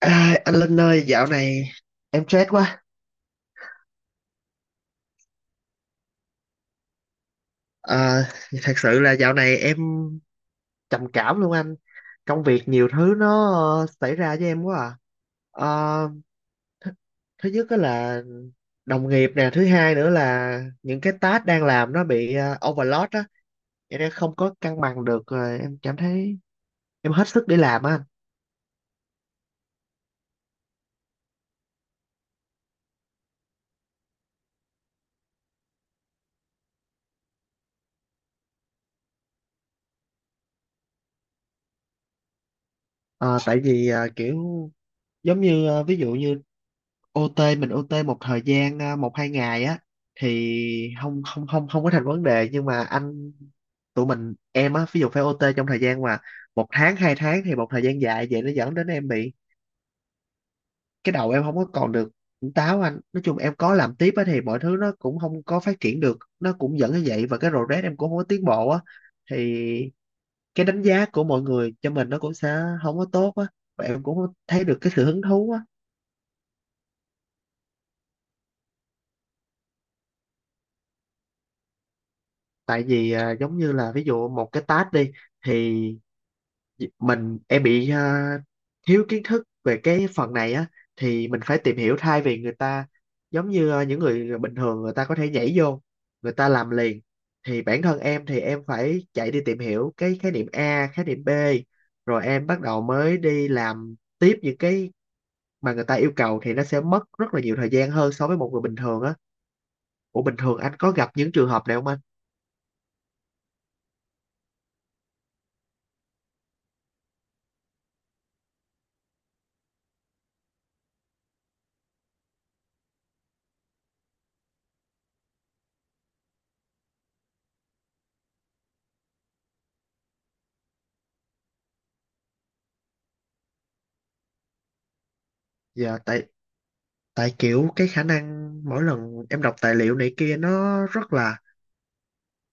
À, anh Linh ơi, dạo này em stress quá. À, thật sự là dạo này em trầm cảm luôn anh. Công việc nhiều thứ nó xảy ra với em quá à. Ờ, th Thứ nhất đó là đồng nghiệp nè, thứ hai nữa là những cái task đang làm nó bị overload á, vậy nên không có cân bằng được rồi em cảm thấy em hết sức để làm á anh. Ờ, tại vì kiểu giống như ví dụ như ô Tê mình ô Tê một thời gian à, một hai ngày á thì không không không không có thành vấn đề, nhưng mà anh tụi mình em á ví dụ phải ô Tê trong thời gian mà một tháng hai tháng thì một thời gian dài vậy, nó dẫn đến em bị cái đầu em không có còn được tỉnh táo anh. Nói chung em có làm tiếp á thì mọi thứ nó cũng không có phát triển được, nó cũng dẫn như vậy và cái progress em cũng không có tiến bộ á, thì cái đánh giá của mọi người cho mình nó cũng sẽ không có tốt á, và em cũng không thấy được cái sự hứng thú á. Tại vì giống như là ví dụ một cái task đi, thì em bị thiếu kiến thức về cái phần này á, thì mình phải tìm hiểu, thay vì người ta giống như những người bình thường người ta có thể nhảy vô, người ta làm liền, thì bản thân em thì em phải chạy đi tìm hiểu cái khái niệm A khái niệm B rồi em bắt đầu mới đi làm tiếp những cái mà người ta yêu cầu, thì nó sẽ mất rất là nhiều thời gian hơn so với một người bình thường á. Ủa bình thường anh có gặp những trường hợp này không anh? Dạ tại tại kiểu cái khả năng mỗi lần em đọc tài liệu này kia nó rất là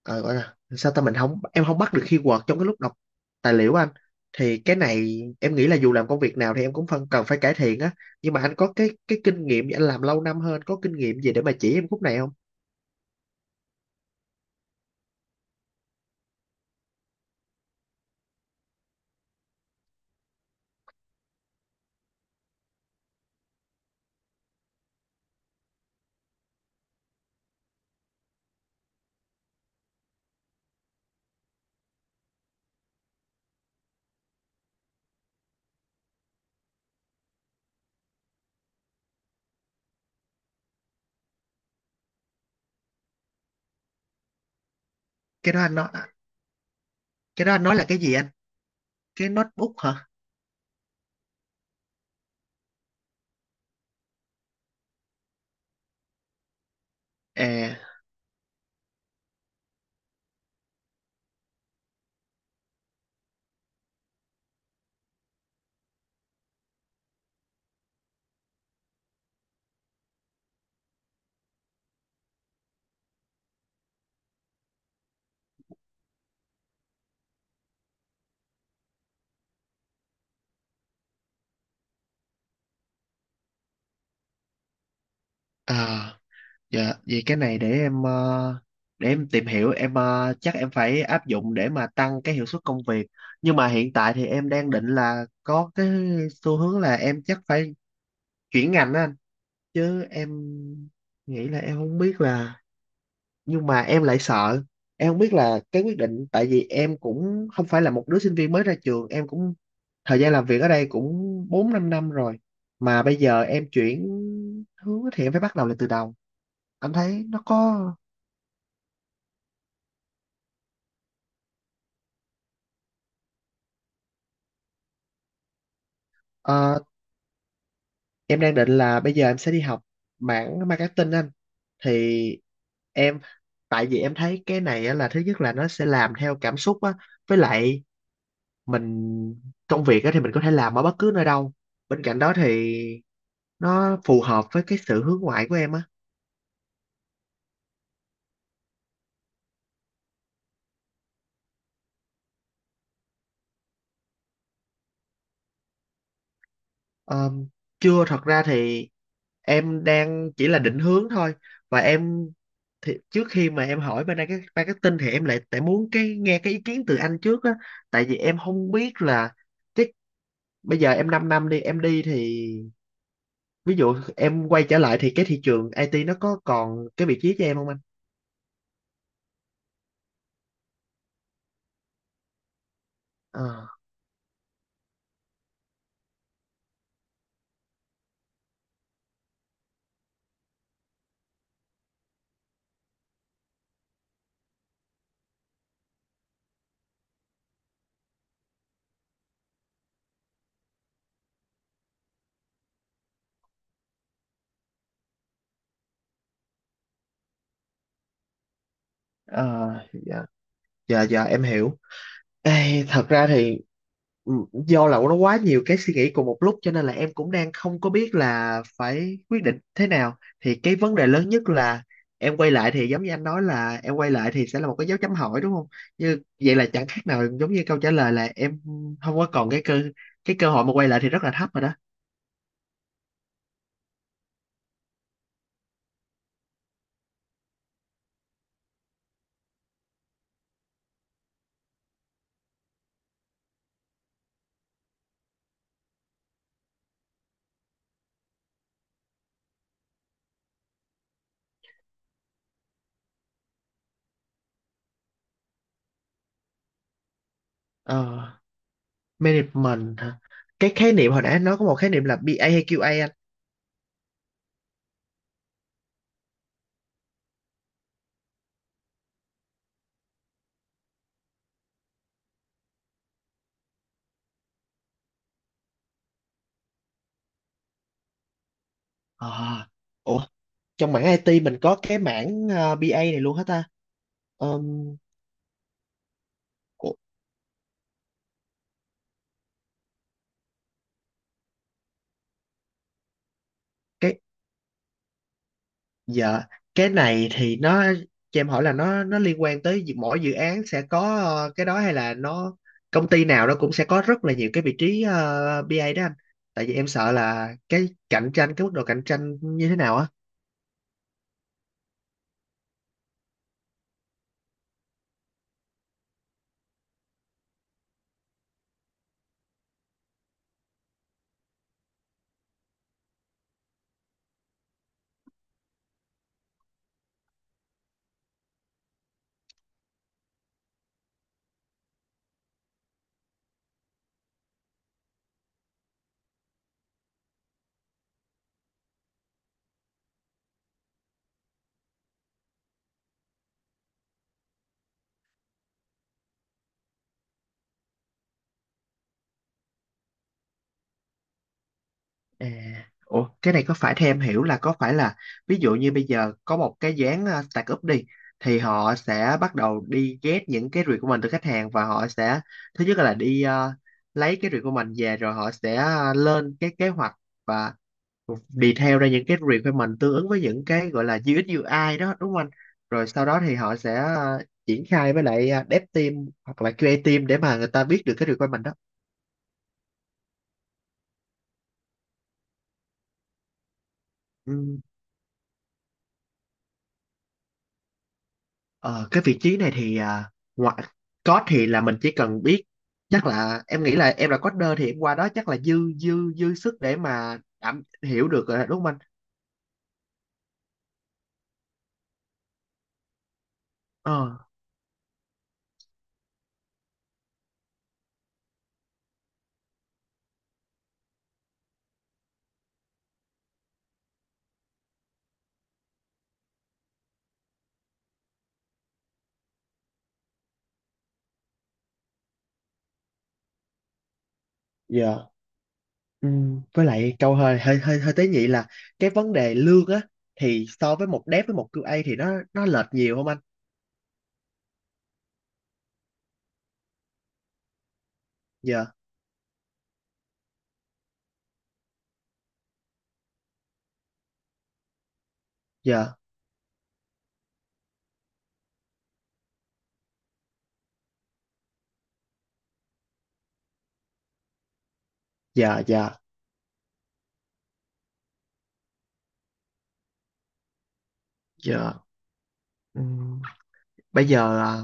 ờ, gọi là sao ta, mình không em không bắt được keyword trong cái lúc đọc tài liệu á anh, thì cái này em nghĩ là dù làm công việc nào thì em cũng phân cần phải cải thiện á. Nhưng mà anh có cái kinh nghiệm gì, anh làm lâu năm hơn có kinh nghiệm gì để mà chỉ em khúc này không? Cái đó anh nói cái đó anh nói là cái gì anh, cái notebook hả? À, à. Dạ, vậy cái này để em để em tìm hiểu em, chắc em phải áp dụng để mà tăng cái hiệu suất công việc. Nhưng mà hiện tại thì em đang định là có cái xu hướng là em chắc phải chuyển ngành á anh, chứ em nghĩ là em không biết là, nhưng mà em lại sợ. Em không biết là cái quyết định, tại vì em cũng không phải là một đứa sinh viên mới ra trường, em cũng thời gian làm việc ở đây cũng 4 5 năm rồi mà bây giờ em chuyển hướng thì em phải bắt đầu lại từ đầu. Anh thấy nó có ờ, em đang định là bây giờ em sẽ đi học mảng marketing anh, thì em tại vì em thấy cái này á là thứ nhất là nó sẽ làm theo cảm xúc á, với lại mình công việc á thì mình có thể làm ở bất cứ nơi đâu, bên cạnh đó thì nó phù hợp với cái sự hướng ngoại của em á. Ờ, chưa, thật ra thì em đang chỉ là định hướng thôi, và em thì trước khi mà em hỏi bên đây cái marketing thì em lại tại muốn cái nghe cái ý kiến từ anh trước á, tại vì em không biết là cái bây giờ em 5 năm đi em đi thì ví dụ em quay trở lại thì cái thị trường IT nó có còn cái vị trí cho em không anh. Ờ, ờ, dạ dạ dạ em hiểu. Ê, thật ra thì ừ, do là nó quá nhiều cái suy nghĩ cùng một lúc cho nên là em cũng đang không có biết là phải quyết định thế nào, thì cái vấn đề lớn nhất là em quay lại thì giống như anh nói là em quay lại thì sẽ là một cái dấu chấm hỏi đúng không, như vậy là chẳng khác nào giống như câu trả lời là em không có còn cái cơ hội mà quay lại thì rất là thấp rồi đó. Ờ, management hả? Cái khái niệm hồi nãy anh nói có một khái niệm là BA hay QA anh? À, ủa, trong mảng IT mình có cái mảng BA này luôn hả ta? Ờm, ủa, cái dạ cái này thì nó cho em hỏi là nó liên quan tới dự- mỗi dự án sẽ có cái đó, hay là nó công ty nào nó cũng sẽ có rất là nhiều cái vị trí BA đó anh, tại vì em sợ là cái cạnh tranh cái mức độ cạnh tranh như thế nào á. À, ủa, cái này có phải theo em hiểu là có phải là ví dụ như bây giờ có một cái dự án startup đi, thì họ sẽ bắt đầu đi ghét những cái review của mình từ khách hàng và họ sẽ thứ nhất là đi lấy cái review của mình về rồi họ sẽ lên cái kế hoạch và detail ra những cái review của mình tương ứng với những cái gọi là UX UI đó đúng không anh? Rồi sau đó thì họ sẽ triển khai với lại dev team hoặc là QA team để mà người ta biết được cái review của mình đó. Ờ, cái vị trí này thì à, ngoại code thì là mình chỉ cần biết, chắc là em nghĩ là em là coder thì em qua đó chắc là dư dư dư sức để mà đảm hiểu được rồi, đúng không anh? Ờ, dạ. Với lại câu hơi hơi hơi hơi tế nhị là cái vấn đề lương á, thì so với một dev với một QA thì nó lệch nhiều không anh? Dạ, dạ, dạ, dạ, dạ. Ừm, bây giờ à,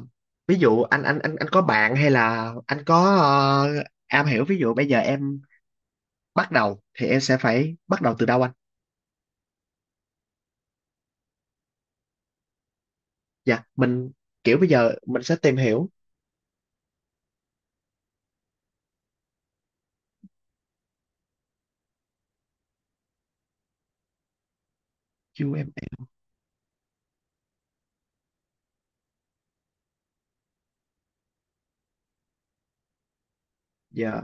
ví dụ anh có bạn hay là anh có am hiểu, ví dụ bây giờ em bắt đầu thì em sẽ phải bắt đầu từ đâu anh? Dạ mình kiểu bây giờ mình sẽ tìm hiểu UML. Giờ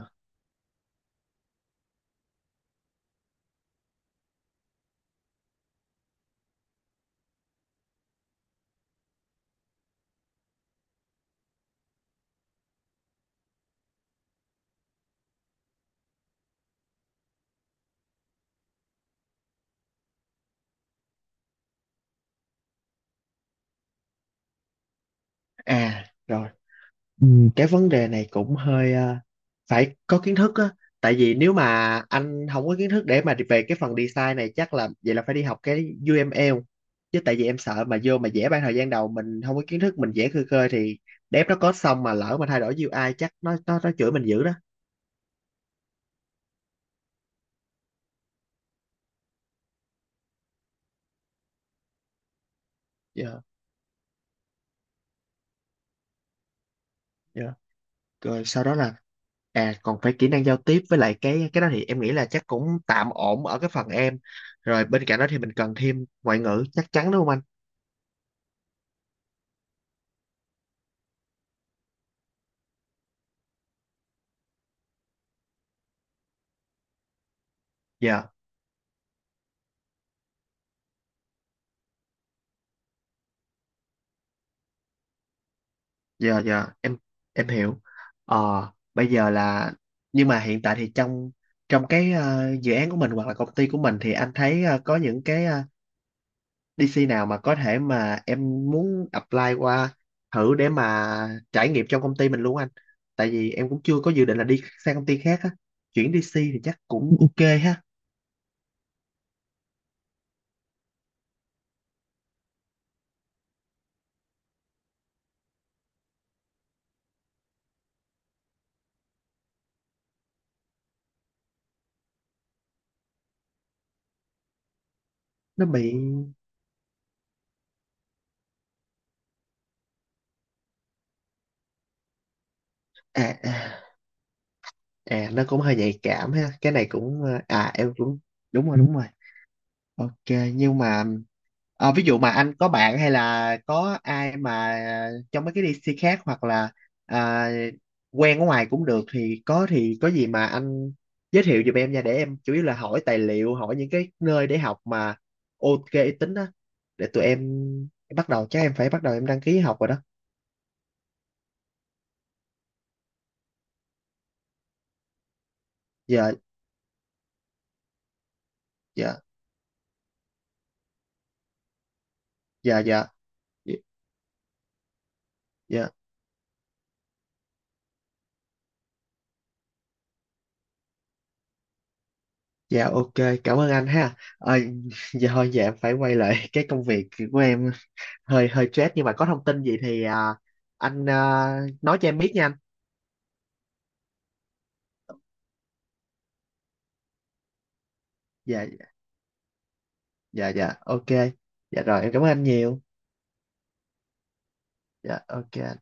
à, rồi. Ừ, cái vấn đề này cũng hơi phải có kiến thức á, tại vì nếu mà anh không có kiến thức để mà về cái phần design này chắc là vậy là phải đi học cái UML, chứ tại vì em sợ mà vô mà vẽ ban thời gian đầu mình không có kiến thức mình vẽ khơi khơi thì dev nó có xong mà lỡ mà thay đổi UI chắc nó chửi mình dữ đó. Dạ, dạ, rồi sau đó là à còn phải kỹ năng giao tiếp với lại cái đó thì em nghĩ là chắc cũng tạm ổn ở cái phần em. Rồi bên cạnh đó thì mình cần thêm ngoại ngữ chắc chắn đúng không anh? Dạ, dạ em hiểu. Ờ, bây giờ là, nhưng mà hiện tại thì trong trong cái dự án của mình hoặc là công ty của mình thì anh thấy có những cái DC nào mà có thể mà em muốn apply qua thử để mà trải nghiệm trong công ty mình luôn anh. Tại vì em cũng chưa có dự định là đi sang công ty khác á. Chuyển DC thì chắc cũng ok ha. Nó bị à, à, à, nó cũng hơi nhạy cảm ha, cái này cũng à em cũng đúng rồi đúng rồi. Ok, nhưng mà ví dụ mà anh có bạn hay là có ai mà trong mấy cái DC khác hoặc là à, quen ở ngoài cũng được thì có gì mà anh giới thiệu giùm em nha, để em chủ yếu là hỏi tài liệu, hỏi những cái nơi để học mà ok uy tín á, để tụi em bắt đầu chắc em phải bắt đầu em đăng ký học rồi đó. Giờ giờ giờ giờ giờ Dạ ok, cảm ơn anh ha. Ờ, giờ thôi dạ em phải quay lại cái công việc của em hơi hơi stress, nhưng mà có thông tin gì thì à, anh à, nói cho em biết nha anh. Dạ dạ dạ ok. Dạ rồi em cảm ơn anh nhiều. Dạ ok.